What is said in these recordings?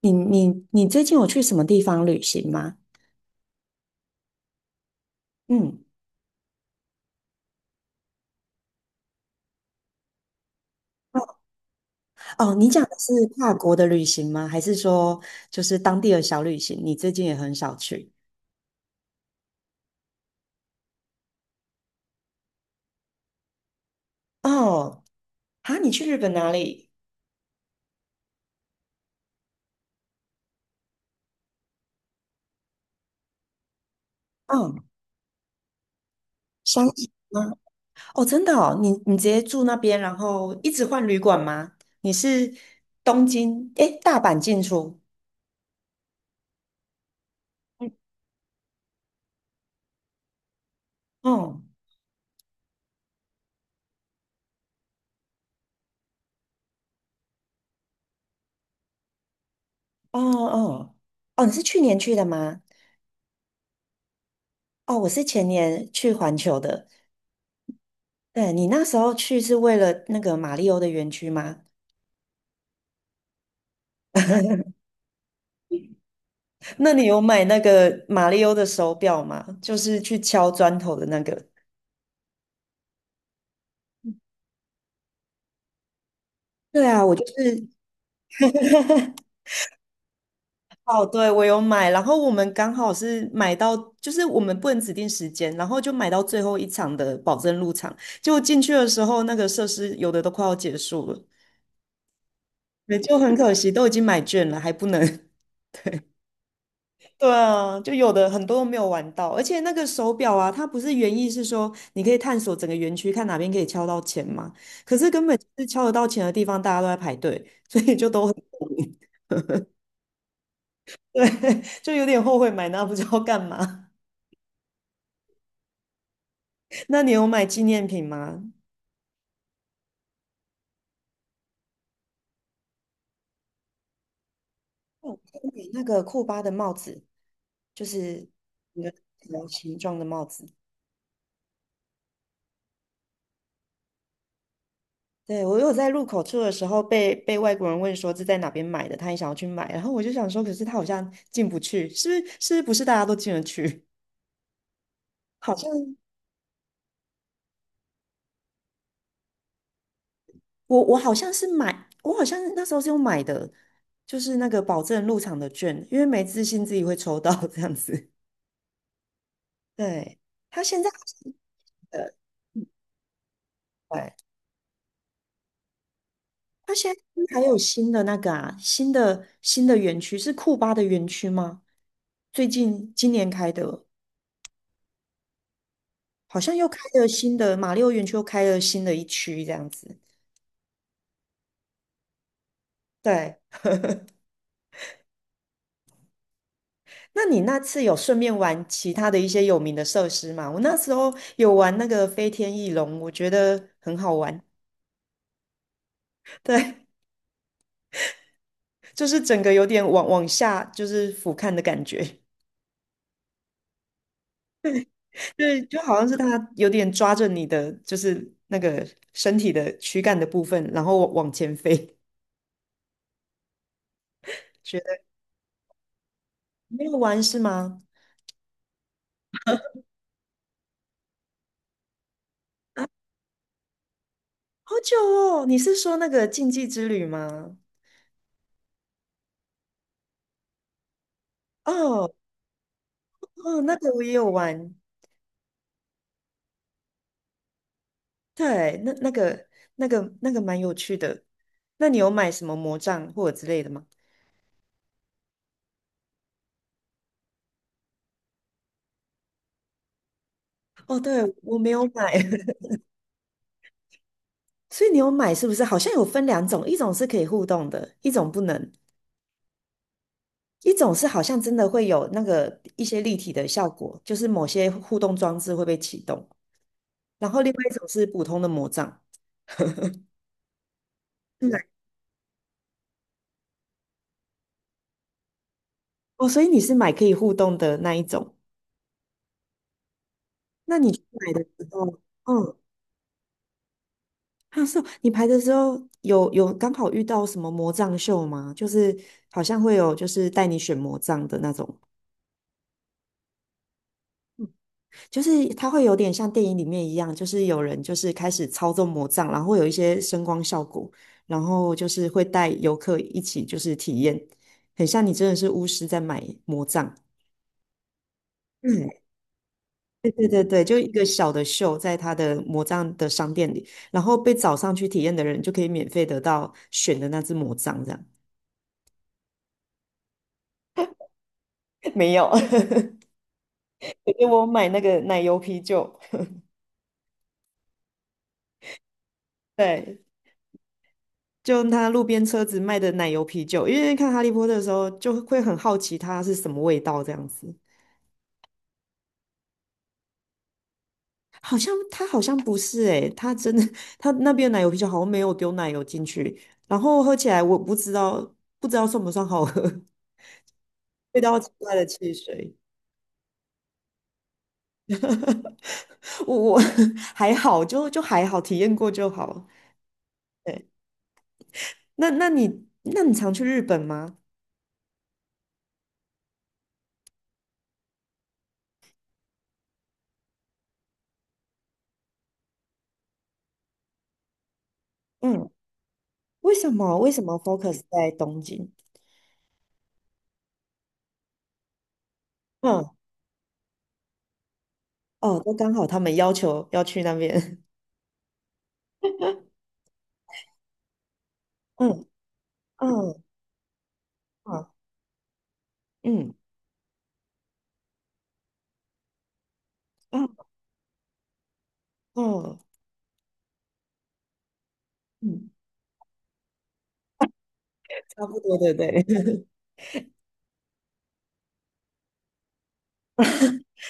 你最近有去什么地方旅行吗？嗯。哦，你讲的是跨国的旅行吗？还是说就是当地的小旅行？你最近也很少去哦？啊，你去日本哪里？嗯，山形吗？哦，真的哦，你直接住那边，然后一直换旅馆吗？你是东京，诶，大阪进出？嗯，哦哦哦，哦，你是去年去的吗？哦，我是前年去环球的。对，你那时候去是为了那个马里欧的园区吗？那你有买那个马里欧的手表吗？就是去敲砖头的那个。对啊，我就是。哦，对，我有买，然后我们刚好是买到，就是我们不能指定时间，然后就买到最后一场的保证入场，就果进去的时候，那个设施有的都快要结束了。对，就很可惜，都已经买券了，还不能。对啊，就有的很多都没有玩到，而且那个手表啊，它不是原意是说你可以探索整个园区，看哪边可以敲到钱嘛。可是根本就是敲得到钱的地方，大家都在排队，所以就都很 对，就有点后悔买那不知道干嘛。那你有买纪念品吗？我买那个库巴的帽子，就是一个条形状的帽子。对，我有在入口处的时候被外国人问说是在哪边买的，他也想要去买，然后我就想说，可是他好像进不去，是不是？是不是大家都进得去？好像我好像是买，我好像那时候是有买的，就是那个保证入场的券，因为没自信自己会抽到这样子。对，他现在好像呃，对，他现在还有新的那个啊，新的园区是库巴的园区吗？最近今年开的。好像又开了新的马六园区，又开了新的一区这样子。对，那你那次有顺便玩其他的一些有名的设施吗？我那时候有玩那个飞天翼龙，我觉得很好玩。对，就是整个有点往下就是俯瞰的感觉。对，就好像是它有点抓着你的就是那个身体的躯干的部分，然后往前飞。觉得没有玩是吗？好久哦，你是说那个禁忌之旅吗？哦。哦，那个我也有玩。对，那个蛮有趣的。那你有买什么魔杖或者之类的吗？哦，对，我没有买。所以你有买是不是？好像有分两种，一种是可以互动的，一种不能，一种是好像真的会有那个一些立体的效果，就是某些互动装置会被启动，然后另外一种是普通的魔杖。对，哦，所以你是买可以互动的那一种。那你去买的时候。嗯。啊，是哦，你排的时候有刚好遇到什么魔杖秀吗？就是好像会有就是带你选魔杖的那种，就是它会有点像电影里面一样，就是有人就是开始操纵魔杖，然后会有一些声光效果，然后就是会带游客一起就是体验，很像你真的是巫师在买魔杖。嗯，对对对对，就一个小的秀在他的魔杖的商店里，然后被找上去体验的人就可以免费得到选的那只魔杖，这样。没有。给我买那个奶油啤酒。对，就他路边车子卖的奶油啤酒，因为看《哈利波特》的时候就会很好奇它是什么味道这样子。好像它好像不是诶、它真的它那边的奶油啤酒好像没有丢奶油进去，然后喝起来我不知道算不算好喝。味道奇怪的汽水，我 还好，就还好，体验过就好。对，那你常去日本吗？嗯，为什么 focus 在东京？嗯，哦，都刚好他们要求要去那边。嗯嗯嗯嗯嗯嗯，差不多，对对。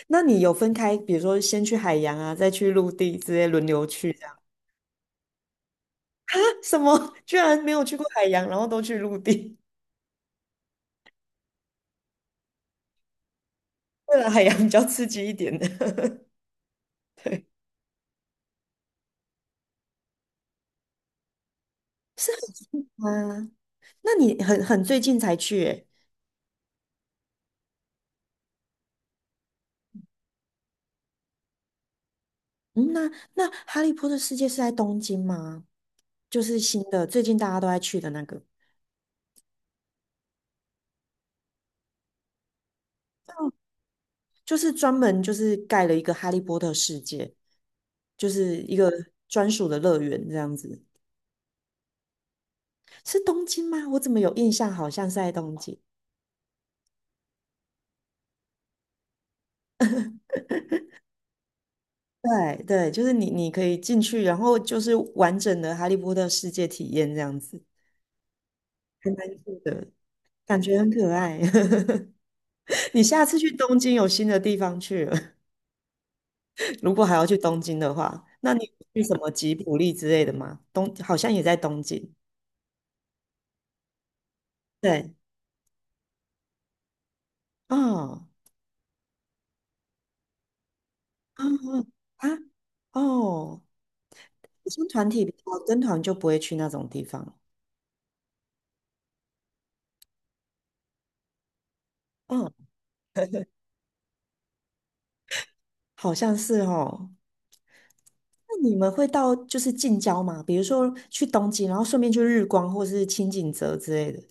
那你有分开，比如说先去海洋啊，再去陆地，直接轮流去这样？什么？居然没有去过海洋，然后都去陆地？为了海洋比较刺激一点的。对，是很啊。那你很最近才去诶？嗯，那《哈利波特》世界是在东京吗？就是新的，最近大家都在去的那个。就是专门就是盖了一个哈利波特世界，就是一个专属的乐园这样子。是东京吗？我怎么有印象好像是在东京？对对，就是你可以进去，然后就是完整的哈利波特世界体验这样子，还蛮酷的，感觉很可爱。你下次去东京有新的地方去了。如果还要去东京的话，那你有去什么吉卜力之类的吗？东好像也在东京。对。哦。啊啊哦，我像团体比较跟团就不会去那种地方。嗯，好像是哦。那你们会到就是近郊吗？比如说去东京，然后顺便去日光或是清景泽之类的。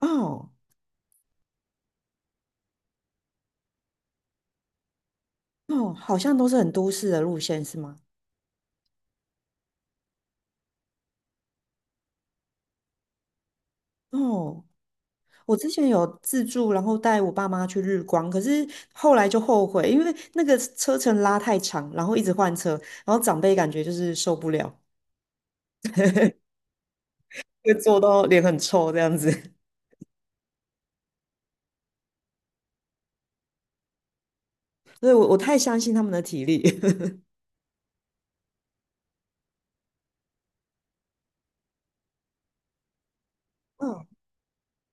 哦哦，好像都是很都市的路线是吗？哦，我之前有自助，然后带我爸妈去日光，可是后来就后悔，因为那个车程拉太长，然后一直换车，然后长辈感觉就是受不了，会坐到脸很臭这样子。所以我太相信他们的体力。嗯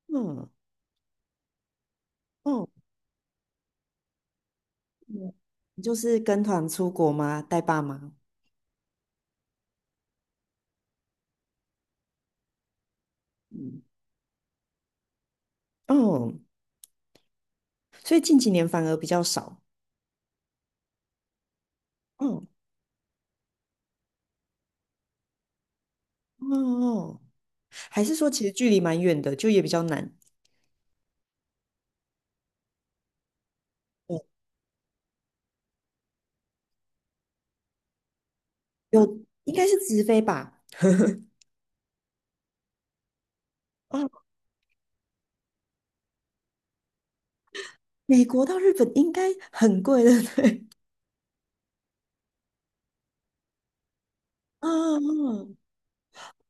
嗯嗯，嗯你就是跟团出国吗？带爸妈？嗯嗯，所以近几年反而比较少。嗯嗯嗯，还是说其实距离蛮远的，就也比较难。嗯，有应该是直飞吧？哦，美国到日本应该很贵的，对。嗯嗯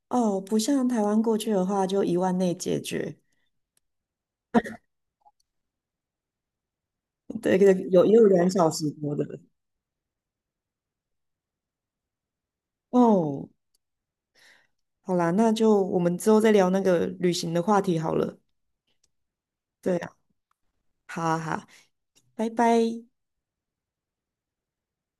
哦，不像台湾过去的话，就1万内解决。对对，有也有2小时多的。哦，好啦，那就我们之后再聊那个旅行的话题好了。对啊，好啊，好啊，拜拜。